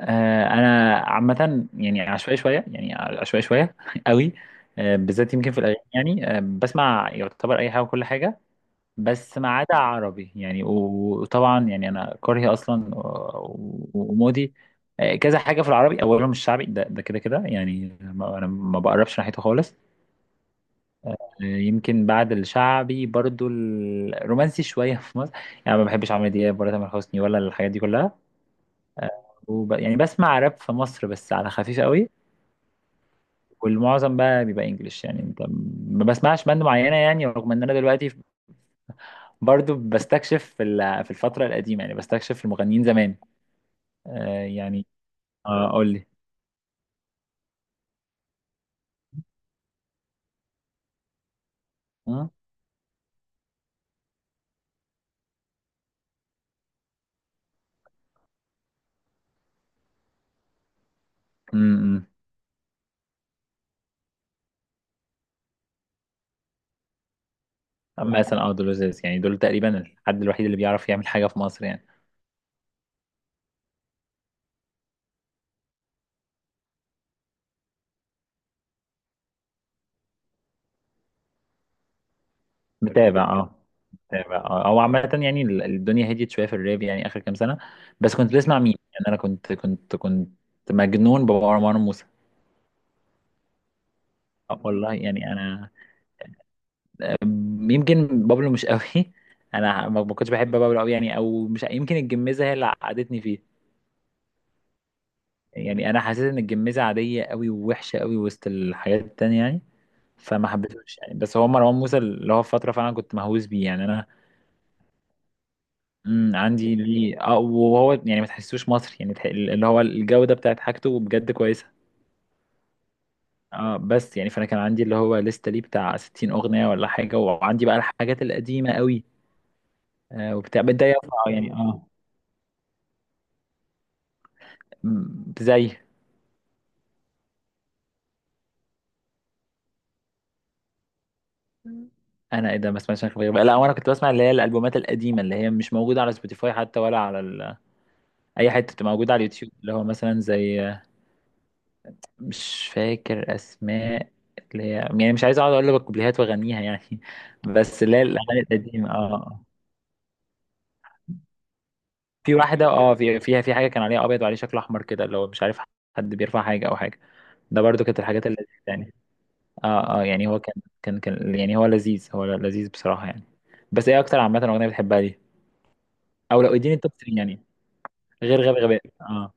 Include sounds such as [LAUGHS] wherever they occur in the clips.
انا عامه يعني عشوائي شويه يعني عشوائي شويه [LAUGHS] قوي. بالذات يمكن في الاغاني يعني بسمع يعتبر اي حاجه وكل حاجه، بس ما عدا عربي يعني وطبعا يعني انا كرهي اصلا ومودي. كذا حاجه في العربي، اولهم الشعبي، ده كده كده يعني انا ما بقربش ناحيته خالص. يمكن بعد الشعبي برضو الرومانسي شويه [LAUGHS] في مصر، يعني ما بحبش عمرو دياب ولا تامر حسني ولا الحاجات دي كلها. يعني بسمع راب في مصر بس على خفيف قوي، والمعظم بقى بيبقى انجلش يعني. انت ما بسمعش باند معينه يعني، رغم ان انا دلوقتي برضو بستكشف في في الفتره القديمه، يعني بستكشف في المغنيين زمان. آه يعني، آه قول لي. م- م- م. مثلا اه دول لذيذ يعني، دول تقريبا الحد الوحيد اللي بيعرف يعمل حاجه في مصر يعني. متابع اه، متابع اه، او عامه يعني الدنيا هديت شويه في الراب يعني، اخر كام سنه. بس كنت بسمع مين؟ يعني انا كنت مجنون بمروان موسى. والله يعني انا يمكن بابلو مش قوي. [LAUGHS] انا ما كنتش بحب بابلو قوي يعني، او مش يمكن الجميزه هي اللي عقدتني فيه، يعني انا حسيت ان الجميزه عاديه قوي ووحشه قوي وسط الحياه التانية يعني. فما حبيتهوش يعني، بس هو مروان موسى اللي هو في فتره فعلا كنت مهووس بيه يعني انا. عندي ليه اه، وهو يعني ما تحسوش مصري يعني، اللي هو الجوده بتاعت حاجته بجد كويسه. اه بس يعني فانا كان عندي اللي هو لسه ليه بتاع 60 اغنيه ولا حاجه، وعندي بقى الحاجات القديمه قوي. آه وبتاع ده يقطع يعني اه. زي مم. انا ايه ده؟ ما سمعتش عن خليجي بقى. لا وانا كنت بسمع اللي هي الالبومات القديمه اللي هي مش موجوده على سبوتيفاي حتى ولا على اي حته بتبقى موجوده على اليوتيوب، اللي هو مثلا زي، مش فاكر اسماء، اللي هي يعني مش عايز اقعد اقول لك الكوبليهات واغنيها يعني [LAUGHS] بس اللي هي الاغاني القديمه اه آه. في واحده اه فيها حاجه كان عليها ابيض وعليه شكل احمر كده، اللي هو مش عارف، حد بيرفع حاجه او حاجه. ده برضو كانت الحاجات اللذيذه يعني. اه اه يعني هو كان يعني، هو لذيذ، هو لذيذ بصراحه يعني. بس ايه اكتر عامه اغنيه بتحبها دي؟ او لو اديني التوب 3 يعني، غير غبي غباء اه،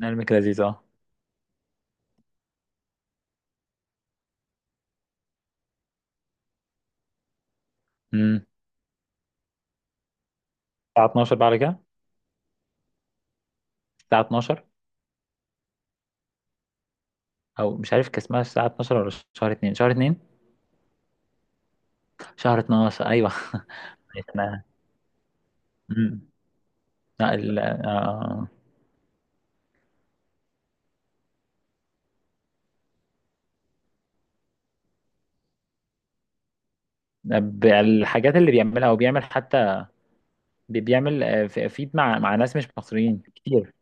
نعمل لذيذ اه. امم، الساعة 12 بعد كده، الساعة 12، او مش عارف كان اسمها الساعة 12 ولا شهر 2، شهر 2، شهر 12 ايوه. [LAUGHS] احنا امم لا الحاجات اللي بيعملها او بيعمل حتى، بيعمل فيد مع ناس مش مصريين كتير.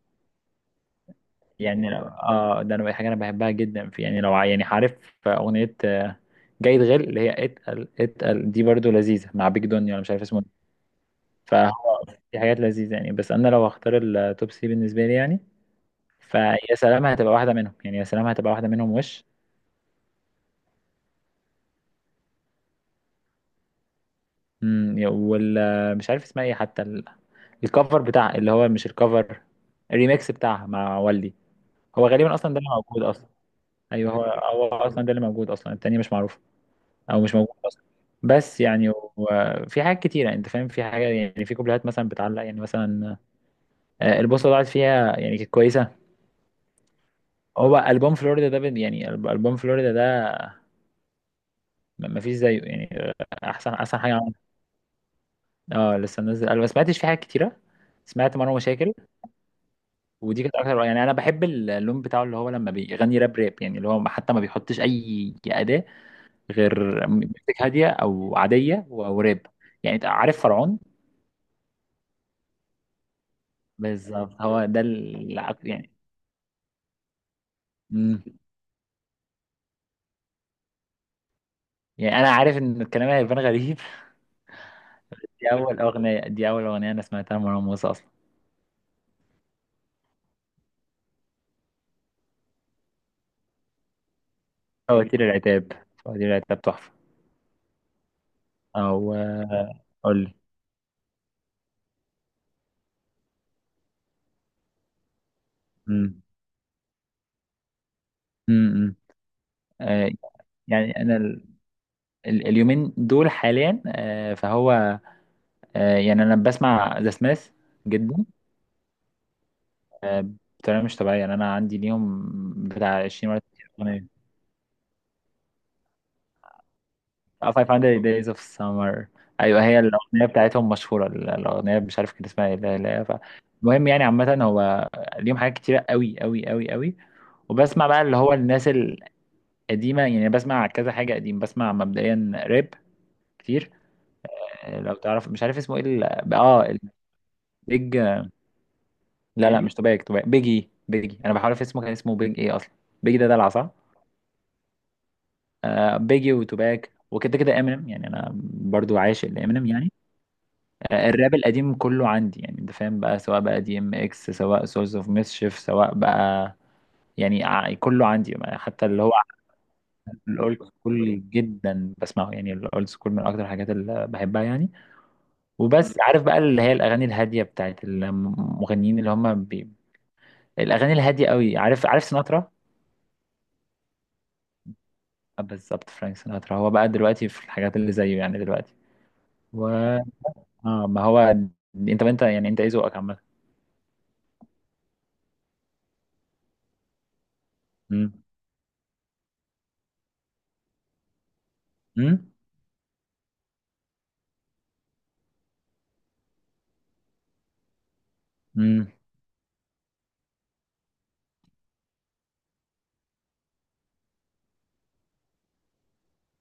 يعني اه ده انا حاجة انا بحبها جدا في يعني لو يعني عارف اغنية جيد غل، اللي هي اتقل اتقل دي برضو لذيذة مع بيج دوني ولا مش عارف اسمه. فهو في حاجات لذيذة يعني، بس أنا لو هختار التوب 3 بالنسبة لي يعني، فيا سلام هتبقى واحدة منهم يعني، يا سلام هتبقى واحدة منهم، وش مم، وال مش عارف اسمها ايه حتى الكفر بتاع، اللي هو مش الكفر، الريميكس بتاعها مع والدي. هو غالبا اصلا ده اللي موجود اصلا. ايوه هو اصلا ده اللي موجود اصلا، التاني مش معروف او مش موجود اصلا. بس يعني وفي حاجات كتيره، انت فاهم، في حاجه يعني، في كوبليهات مثلا بتعلق يعني، مثلا البوصه ضاعت فيها يعني، كانت كويسه. هو ألبوم فلوريدا ده يعني ألبوم فلوريدا ده مفيش زيه يعني، أحسن حاجة عمل. اه لسه منزل، أنا ما سمعتش فيه حاجات كتيرة. سمعت مرة مشاكل، ودي كانت أكتر. يعني أنا بحب اللون بتاعه اللي هو لما بيغني راب يعني، اللي هو حتى ما بيحطش أي أداة غير ميوزك هادية أو عادية وراب. يعني أنت عارف فرعون؟ بالظبط، هو ده يعني مم. يعني أنا عارف إن الكلام هيبان غريب. [LAUGHS] دي أول أغنية، دي أول أغنية أنا سمعتها لمروان موسى أصلا. فواتير العتاب، فواتير العتاب تحفة، او قول لي. امم، إمم. آه، يعني انا اليومين دول حاليا فهو يعني انا بسمع ذا سميث جدا، آه، بطريقه مش طبيعيه يعني. انا عندي اليوم بتاع 20 مره اغنيه 500 Days of Summer. ايوه هي الاغنيه بتاعتهم مشهوره، الاغنيه مش عارف كان اسمها ايه. لا المهم يعني، عامه هو اليوم حاجات كتيره قوي قوي قوي قوي، وبسمع بقى اللي هو الناس القديمه يعني، بسمع كذا حاجه قديم، بسمع مبدئيا راب كتير. لو تعرف مش عارف اسمه ايه اه، البيج. لا مش توباك، توباك بيجي بيجي، انا بحاول في اسمه، كان اسمه بيج ايه اصلا؟ بيجي ده دلع صح. آه بيجي وتوباك وكده كده امينيم، يعني انا برضو عاشق لامينيم يعني. آه الراب القديم كله عندي يعني، انت فاهم بقى، سواء بقى دي ام اكس، سواء سورس اوف ميسشيف، سواء بقى يعني كله عندي، حتى اللي هو الاولد سكول جدا بسمعه يعني، الاولد سكول من اكتر الحاجات اللي بحبها يعني. وبس عارف بقى اللي هي الاغاني الهاديه بتاعت المغنيين اللي هم الاغاني الهاديه قوي، عارف، عارف سيناترا؟ بالظبط فرانك سيناترا. هو بقى دلوقتي في الحاجات اللي زيه يعني دلوقتي، و اه ما هو، انت يعني انت ايه ذوقك عامه؟ امم امم امم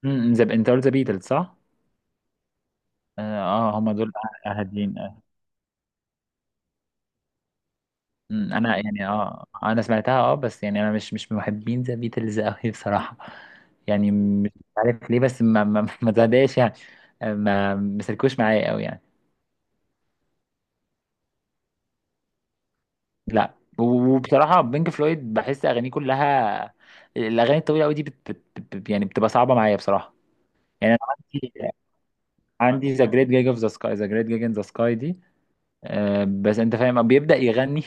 امم انت قلت ذا بيتلز صح؟ اه هما دول هادين آه. أمم، انا يعني اه انا سمعتها اه، بس يعني انا مش من محبين ذا بيتلز قوي بصراحه يعني. مش عارف ليه، بس ما زهداش يعني، ما مسلكوش معايا قوي يعني. لا وبصراحة بينك فلويد بحس أغانيه كلها، الأغاني الطويلة أوي دي يعني بتبقى صعبة معايا بصراحة، يعني أنا عندي، عندي ذا جريت جيج اوف ذا سكاي، ذا جريت جيج ان ذا سكاي دي، آه بس أنت فاهم بيبدأ يغني.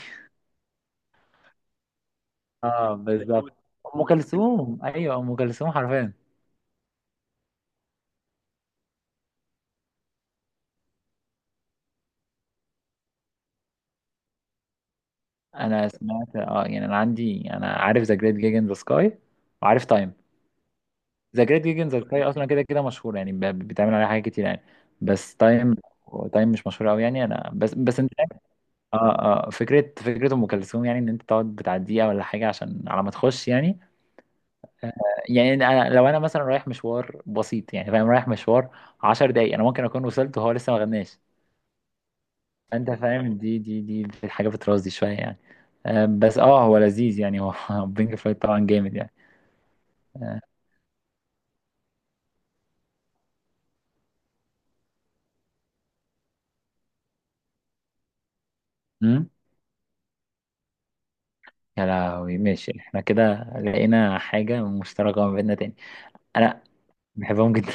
[LAUGHS] اه بالظبط، أم كلثوم أيوه، أم كلثوم حرفيا. أنا سمعت اه يعني، أنا عندي، أنا عارف ذا جريت جيج ان ذا سكاي وعارف تايم. ذا جريت جيج ان ذا سكاي أصلا كده كده مشهور يعني، بيتعمل عليها حاجات كتير يعني، بس تايم، تايم مش مشهور أوي يعني أنا بس اه اه، فكرة ام كلثوم يعني، ان انت تقعد بتاع دقيقة ولا حاجة عشان على ما تخش يعني. آه، يعني انا لو انا مثلا رايح مشوار بسيط يعني، فاهم، رايح مشوار عشر دقايق، انا ممكن اكون وصلت وهو لسه ما غناش. فانت فاهم، دي حاجة بترازي شوية يعني، بس اه هو لذيذ يعني هو، [LAUGHS] بينك فلويد طبعا جامد يعني، آه، امم. يا لهوي ماشي، احنا كده لقينا حاجة مشتركة ما بيننا تاني. انا بحبهم جدا.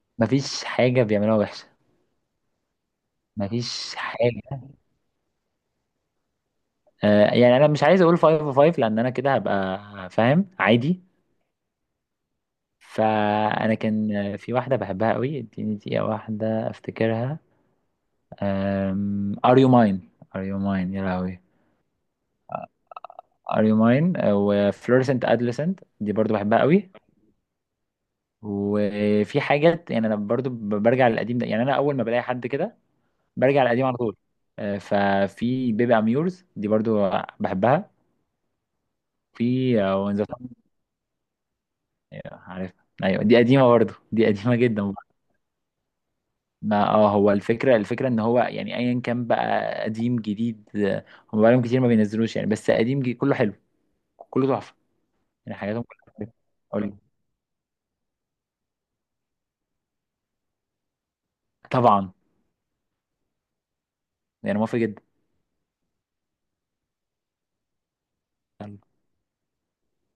[LAUGHS] مفيش حاجة بيعملوها وحشة، مفيش حاجة. يعني انا مش عايز اقول 5 لان انا كده هبقى، فاهم، عادي. فانا كان في واحده بحبها قوي، اديني دقيقه واحده افتكرها. ار يو ماين، ار يو ماين يا لهوي، ار يو ماين، وفلورسنت ادلسنت دي برضو بحبها قوي. وفي حاجات يعني انا برضو برجع للقديم ده يعني، انا اول ما بلاقي حد كده برجع للقديم على طول. ففي بيبي اميورز دي برضو بحبها، في وينز، عارف؟ ايوه دي قديمه برضو، دي قديمه جدا. ما اه هو الفكرة، الفكرة ان هو يعني ايا كان بقى، قديم جديد هم بقالهم كتير ما بينزلوش يعني، بس قديم جديد كله حلو، كله تحفة، يعني حاجاتهم كلها حلوة. أقول لك. طبعا، يعني موافق جدا.